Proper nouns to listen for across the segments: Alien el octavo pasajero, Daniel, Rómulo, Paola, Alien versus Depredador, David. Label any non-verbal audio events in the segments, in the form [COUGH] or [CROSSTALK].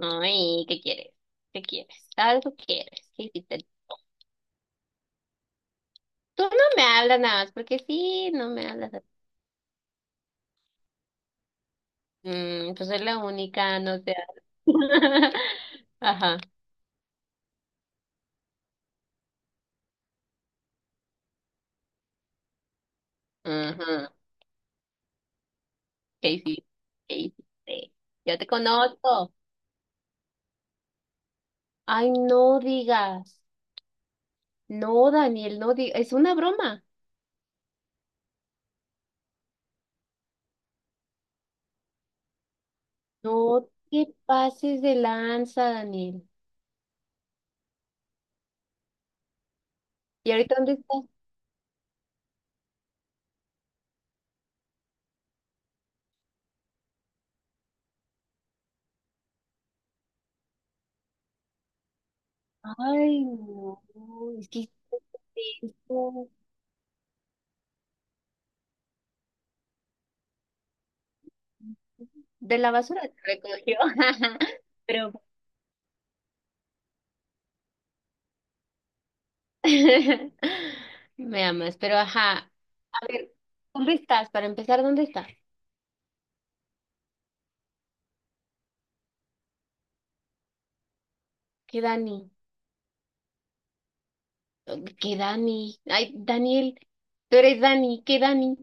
Ay, ¿qué quieres? ¿Qué quieres? ¿Algo quieres? ¿Qué hiciste? Tú no me hablas nada más porque sí, no me hablas. Mm, pues soy la única, no te hablo. [LAUGHS] Ajá. Ajá. ¿Qué hiciste? ¿Qué hiciste? Yo te conozco. Ay, no digas. No, Daniel, no digas. Es una broma. No te pases de lanza, Daniel. ¿Y ahorita dónde estás? Ay, no. Es que hiciste esto. De la basura te recogió. [LAUGHS] Pero [LAUGHS] me amas, pero ajá. A ver, ¿dónde estás? Para empezar, ¿dónde estás? ¿Qué Dani? ¿Qué Dani? Ay, Daniel, tú eres Dani, ¿qué Dani?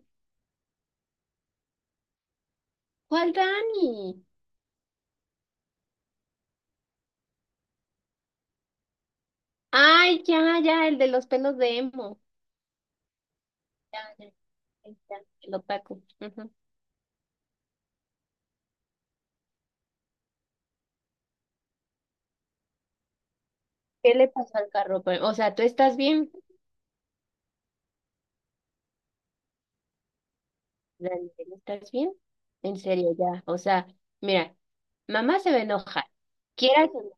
¿Cuál Dani? Ay, ya, ya, el de los pelos de emo. Ya, ya, ya, ya, el opaco. Ujú. ¿Qué le pasó al carro? Pues, o sea, ¿tú estás bien? Daniel, ¿estás bien? En serio, ya. O sea, mira, mamá se va a enojar. Quieras o no,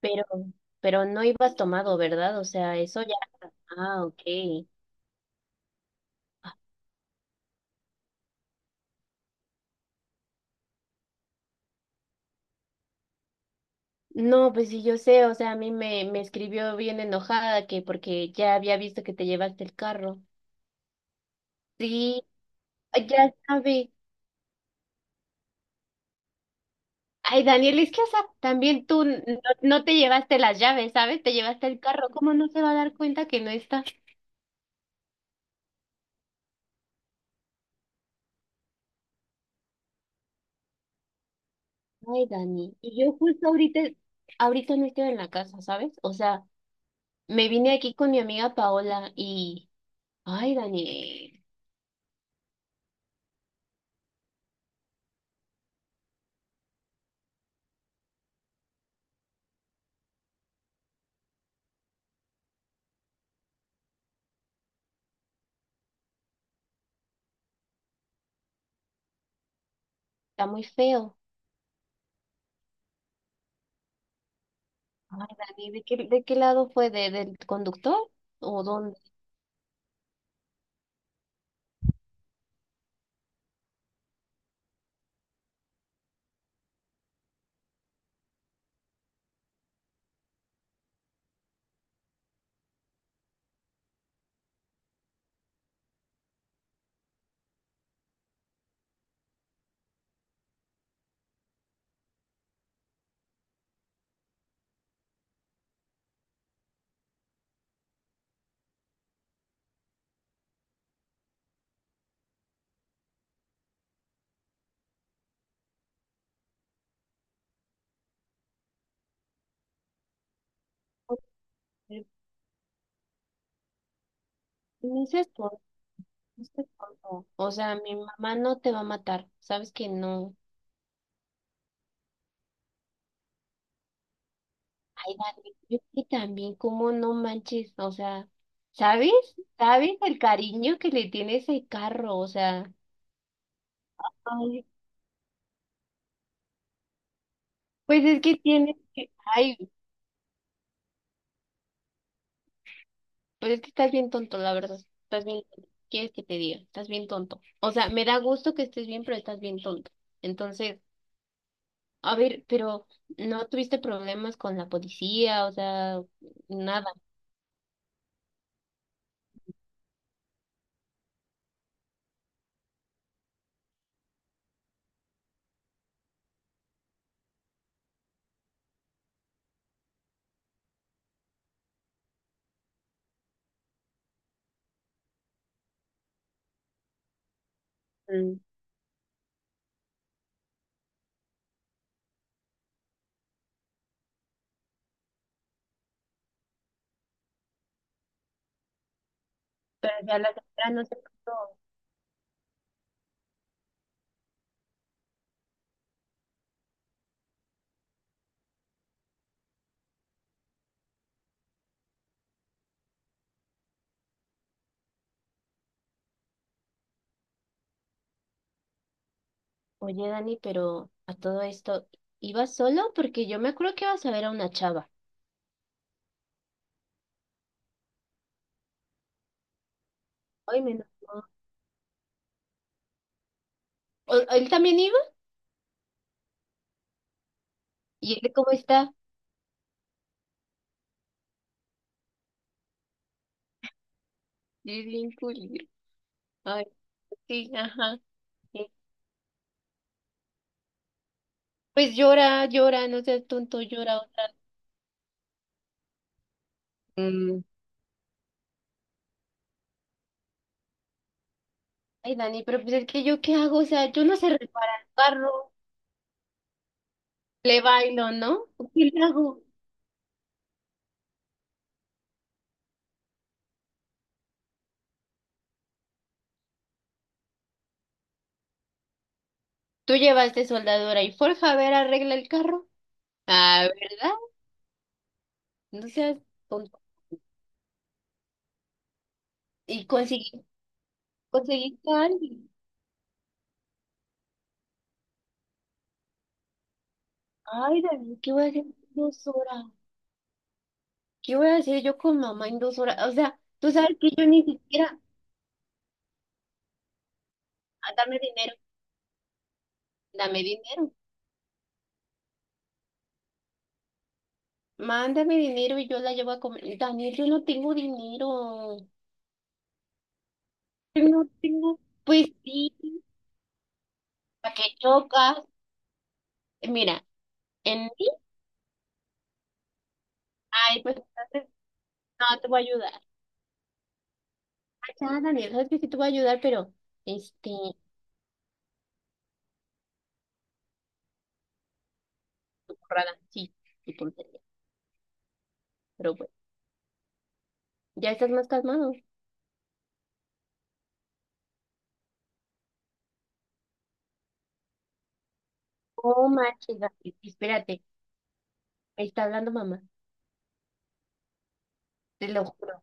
Pero, pero no ibas tomado, ¿verdad? O sea, eso ya. Ah, ok. No, pues sí, yo sé, o sea, a mí me, me escribió bien enojada que porque ya había visto que te llevaste el carro. Sí, ya sabe. Ay, Daniel, es que, o sea, también tú no te llevaste las llaves, ¿sabes? Te llevaste el carro. ¿Cómo no se va a dar cuenta que no está? Ay, Dani, y yo justo ahorita, ahorita no estoy en la casa, ¿sabes? O sea, me vine aquí con mi amiga Paola y, ay, Dani, está muy feo. Ay, Dani, ¿de qué lado fue? ¿De, del conductor? ¿O dónde? Me dices por, me dices por no. O sea, mi mamá no te va a matar. Sabes que no. Ay, Dani, yo que también, ¿cómo no manches? O sea, ¿sabes? ¿Sabes el cariño que le tiene ese carro? O sea, ay, pues es que tienes que. Ay, pues es que estás bien tonto, la verdad. Estás bien tonto. ¿Quieres que te diga? Estás bien tonto. O sea, me da gusto que estés bien, pero estás bien tonto. Entonces. A ver, pero ¿no tuviste problemas con la policía? O sea, nada. Mm. Pero ya la señora no se pudo. Oye, Dani, pero a todo esto, ¿ibas solo? Porque yo me acuerdo que ibas a ver a una chava. Ay, menos mal. ¿O- ¿Él también iba? ¿Y él cómo está? Es bien culero. Ay, sí, ajá. Sí. Pues llora, llora, no seas tonto, llora otra vez. Mm. Ay, Dani, pero pues es que yo qué hago, o sea, yo no sé reparar el carro, le bailo, ¿no? ¿Qué le hago? Tú llevaste soldadora y forja, a ver, arregla el carro. Ah, ¿verdad? No seas tonto. Y conseguí, conseguiste a alguien. Ay, David, ¿qué voy a hacer en 2 horas? ¿Qué voy a hacer yo con mamá en 2 horas? O sea, tú sabes que yo ni siquiera, ah, dame dinero, dame dinero. Mándame dinero y yo la llevo a comer. Daniel, yo no tengo dinero. Yo no tengo, pues sí, para que chocas. Mira, en mí, ay, pues entonces no te voy a ayudar. Ya, Daniel, sabes que sí te voy a ayudar, pero este, tu porrada, sí, tu tontería. Pero bueno, ya estás más calmado. Oh, manches, Daniel, espérate, me está hablando mamá, te lo juro.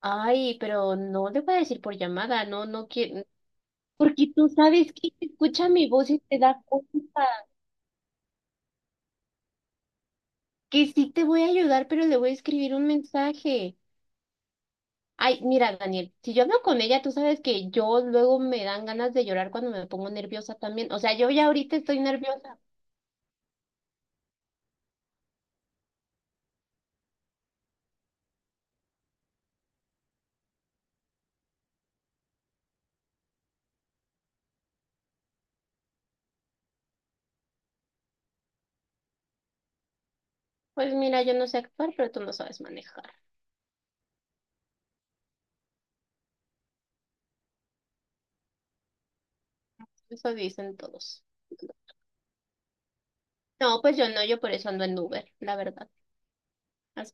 Ay, pero no le voy a decir por llamada, no, no quiero, porque tú sabes que se escucha mi voz y te da cuenta que sí te voy a ayudar, pero le voy a escribir un mensaje. Ay, mira, Daniel, si yo hablo con ella, tú sabes que yo luego me dan ganas de llorar cuando me pongo nerviosa también. O sea, yo ya ahorita estoy nerviosa. Pues mira, yo no sé actuar, pero tú no sabes manejar. Eso dicen todos. No, pues yo no, yo por eso ando en Uber, la verdad. Así,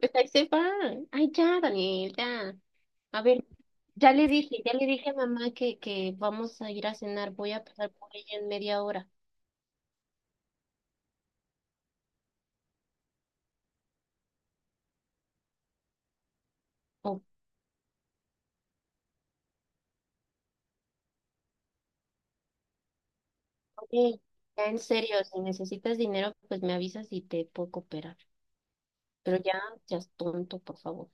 pues ahí se van. Ay, ya, Daniel, ya. A ver, ya le dije a mamá que vamos a ir a cenar. Voy a pasar por ella en media hora. Oh, ok, ya en serio, si necesitas dinero, pues me avisas y te puedo cooperar. Pero ya, seas tonto, por favor.